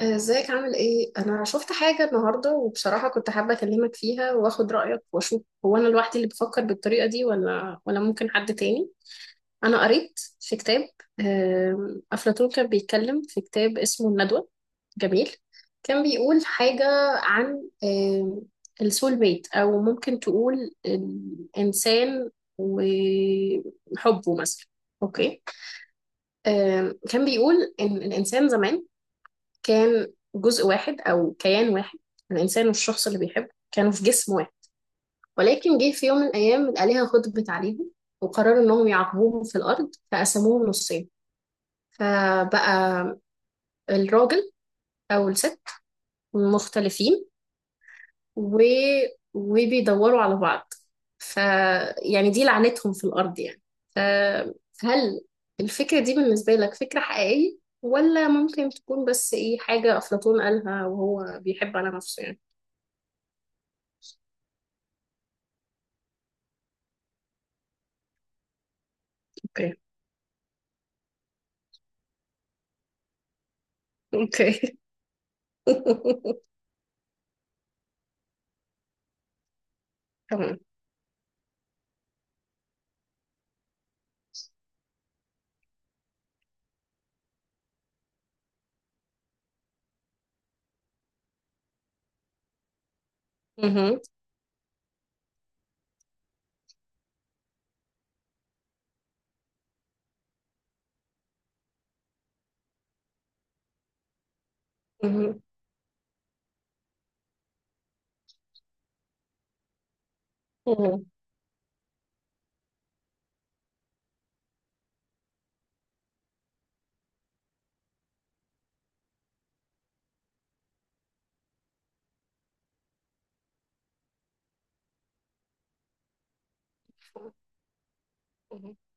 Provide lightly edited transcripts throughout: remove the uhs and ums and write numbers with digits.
ازيك عامل ايه؟ انا شفت حاجه النهارده وبصراحه كنت حابه اكلمك فيها واخد رايك واشوف هو انا لوحدي اللي بفكر بالطريقه دي ولا ممكن حد تاني. انا قريت في كتاب. افلاطون كان بيتكلم في كتاب اسمه الندوه، جميل. كان بيقول حاجه عن السول ميت او ممكن تقول الانسان وحبه مثلا. اوكي. كان بيقول ان الانسان زمان كان جزء واحد أو كيان واحد. الإنسان والشخص اللي بيحبه كانوا في جسم واحد، ولكن جه في يوم من الأيام الآلهة غضبت عليهم وقرروا إنهم يعاقبوهم في الأرض فقسموهم نصين. فبقى الراجل أو الست مختلفين و... وبيدوروا على بعض، فيعني دي لعنتهم في الأرض يعني. فهل الفكرة دي بالنسبة لك فكرة حقيقية، ولا ممكن تكون بس إيه حاجة أفلاطون قالها وهو بيحب على نفسه يعني؟ أوكي. اوكي. تمام. مهم. مهم. مهم. مهم.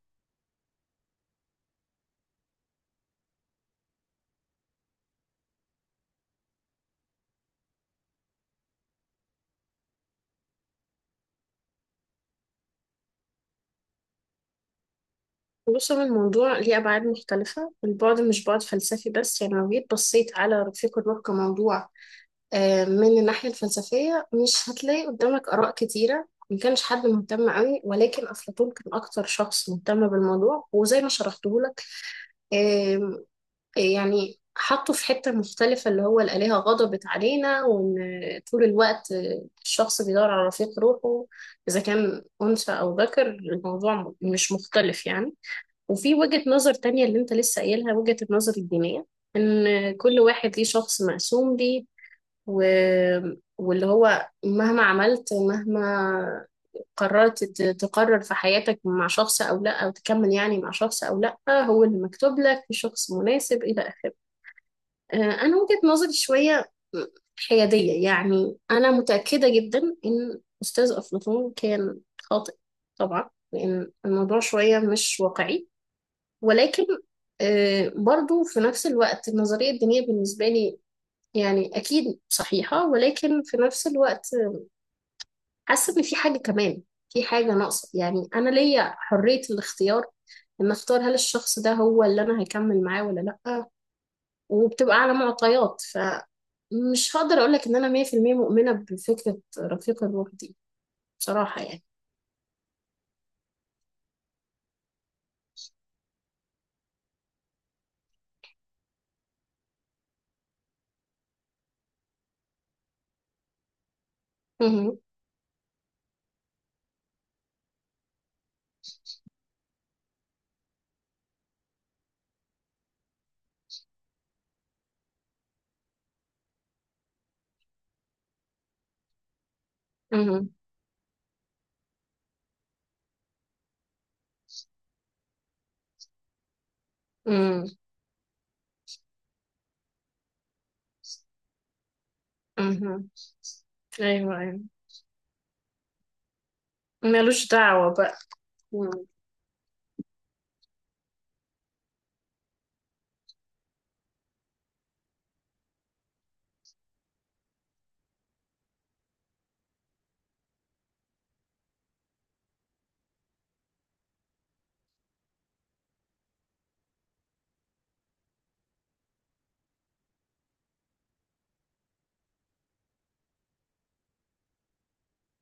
بص، هو الموضوع ليه أبعاد مختلفة، البعد مش بعد فلسفي بس. يعني لو جيت بصيت على رفيق النور كموضوع، من الناحية الفلسفية مش هتلاقي قدامك آراء كتيرة، ما كانش حد مهتم قوي، ولكن أفلاطون كان أكتر شخص مهتم بالموضوع. وزي ما شرحته لك يعني، حطه في حتة مختلفة اللي هو الآلهة غضبت علينا، وإن طول الوقت الشخص بيدور على رفيق روحه. إذا كان أنثى أو ذكر الموضوع مش مختلف يعني. وفي وجهة نظر تانية اللي أنت لسه قايلها، وجهة النظر الدينية، إن كل واحد ليه شخص مقسوم ليه، و... واللي هو مهما عملت، مهما قررت ت- تقرر في حياتك مع شخص أو لأ، أو تكمل يعني مع شخص أو لأ، هو اللي مكتوب لك في شخص مناسب إلى آخره. آه، أنا وجهة نظري شوية حيادية يعني. أنا متأكدة جدا إن أستاذ أفلاطون كان خاطئ طبعا، لأن الموضوع شوية مش واقعي. ولكن برضو في نفس الوقت النظرية الدينية بالنسبة لي يعني أكيد صحيحة، ولكن في نفس الوقت حاسة إن في حاجة كمان، في حاجة ناقصة. يعني أنا ليا حرية الاختيار، إن أختار هل الشخص ده هو اللي أنا هكمل معاه ولا لأ، وبتبقى على معطيات. مش هقدر أقولك إن أنا 100% مؤمنة بفكرة رفيق الروح دي بصراحة يعني. مهم. مهم. مهم. مهم. أيوه، أيوه، ملوش دعوة بقى. مم.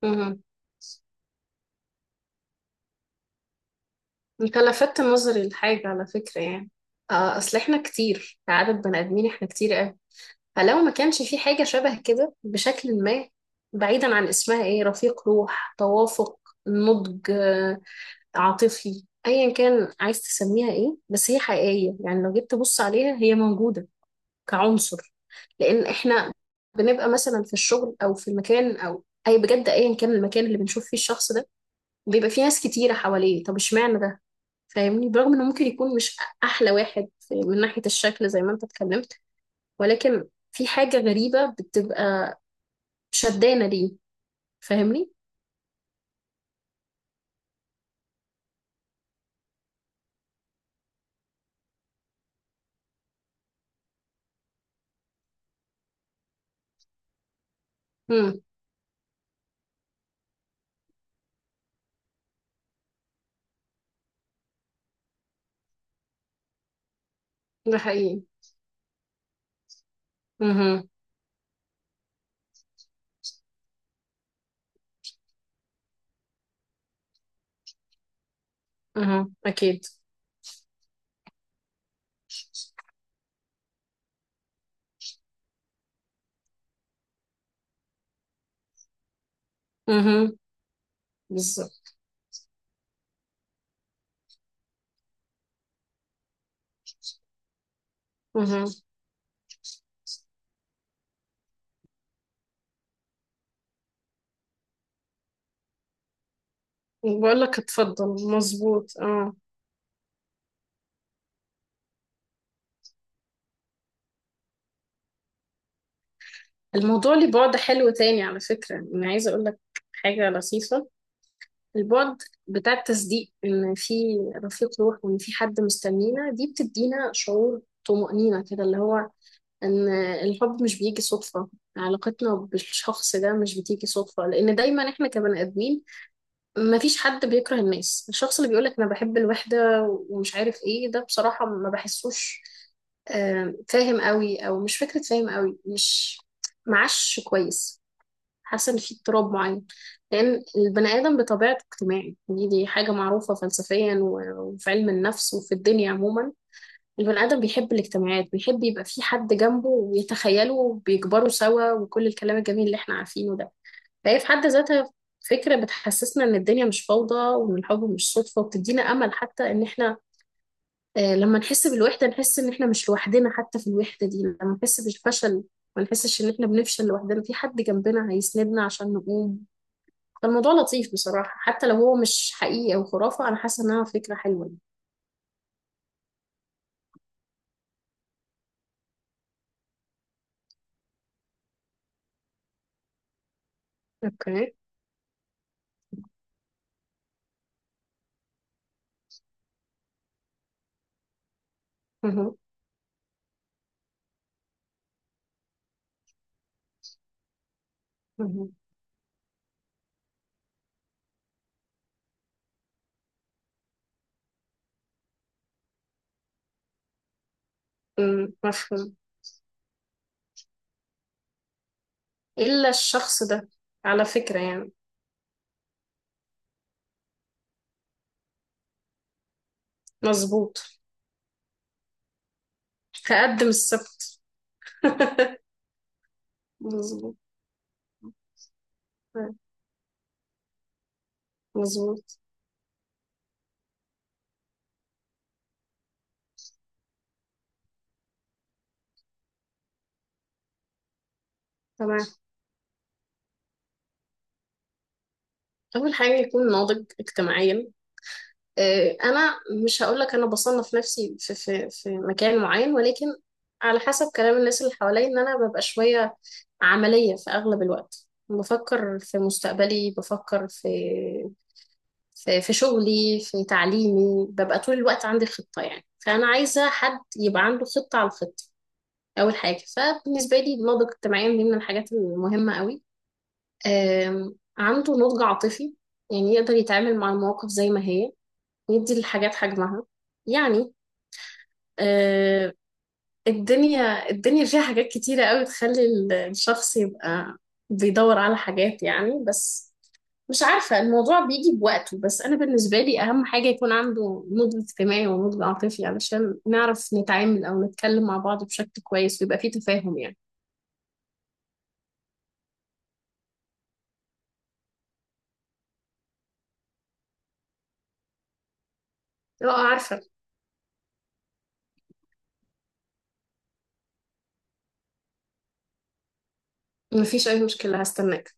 مهم. أنت لفتت نظري لحاجة على فكرة يعني. آه، أصل إحنا كتير، كعدد بني آدمين إحنا كتير أوي. فلو ما كانش في حاجة شبه كده بشكل ما، بعيدا عن اسمها إيه، رفيق روح، توافق، نضج عاطفي، ايا كان عايز تسميها ايه، بس هي حقيقية. يعني لو جيت تبص عليها هي موجودة كعنصر، لان احنا بنبقى مثلا في الشغل او في المكان او اي بجد، ايا كان المكان اللي بنشوف فيه الشخص ده بيبقى فيه ناس كتيره حواليه. طب اشمعنى ده؟ فاهمني؟ برغم انه ممكن يكون مش احلى واحد من ناحيه الشكل زي ما انت اتكلمت، ولكن في حاجه غريبه بتبقى شدانه ليه. فاهمني؟ امم. ده حقيقي. اها. اها اكيد. اها. بالظبط. اها. بقول لك اتفضل، مظبوط، اه. الموضوع ليه بعد حلو تاني على فكرة، أنا عايزة أقول لك حاجة لطيفة. البعد بتاع التصديق إن في رفيق روح وإن في حد مستنينا، دي بتدينا شعور طمأنينة كده، اللي هو إن الحب مش بيجي صدفة، علاقتنا بالشخص ده مش بتيجي صدفة. لأن دايما إحنا كبني آدمين مفيش حد بيكره الناس. الشخص اللي بيقولك أنا بحب الوحدة ومش عارف إيه ده بصراحة ما بحسوش فاهم قوي، أو مش فكرة فاهم قوي، مش معاش كويس. حاسه ان في اضطراب معين، لان البني ادم بطبيعته اجتماعي. دي حاجه معروفه فلسفيا وفي علم النفس وفي الدنيا عموما. البني ادم بيحب الاجتماعات، بيحب يبقى في حد جنبه ويتخيله وبيكبروا سوا، وكل الكلام الجميل اللي احنا عارفينه ده. فهي في حد ذاتها فكره بتحسسنا ان الدنيا مش فوضى، وان الحب مش صدفه، وبتدينا امل حتى. ان احنا لما نحس بالوحده نحس ان احنا مش لوحدنا حتى في الوحده دي، لما نحس بالفشل ما نحسش ان احنا بنفشل لوحدنا، في حد جنبنا هيسندنا عشان نقوم. كان موضوع لطيف بصراحة، حتى لو هو مش حقيقي أو خرافة أنا حاسة إنها فكرة حلوة يعني. اوكي. مهم. مهم. مم. مفهوم. إلا الشخص ده على فكرة يعني. مظبوط. هقدم السبت. مظبوط. مظبوط. تمام. أول حاجة يكون ناضج اجتماعيا. انا مش هقولك انا بصنف نفسي في مكان معين، ولكن على حسب كلام الناس اللي حواليا ان انا ببقى شويه عمليه في اغلب الوقت، بفكر في مستقبلي، بفكر في شغلي في تعليمي، ببقى طول الوقت عندي خطه. يعني فانا عايزه حد يبقى عنده خطه على الخطه. اول حاجه، فبالنسبه لي النضج اجتماعيا دي من الحاجات المهمه قوي. عنده نضج عاطفي، يعني يقدر يتعامل مع المواقف زي ما هي، يدي الحاجات حجمها يعني. آه، الدنيا فيها حاجات كتيرة قوي تخلي الشخص يبقى بيدور على حاجات يعني. بس مش عارفة، الموضوع بيجي بوقته. بس أنا بالنسبة لي أهم حاجة يكون عنده نضج اجتماعي ونضج عاطفي، علشان نعرف نتعامل أو نتكلم مع بعض بشكل كويس ويبقى فيه تفاهم يعني. لا، عارفة، مفيش أي مشكلة، هستناك.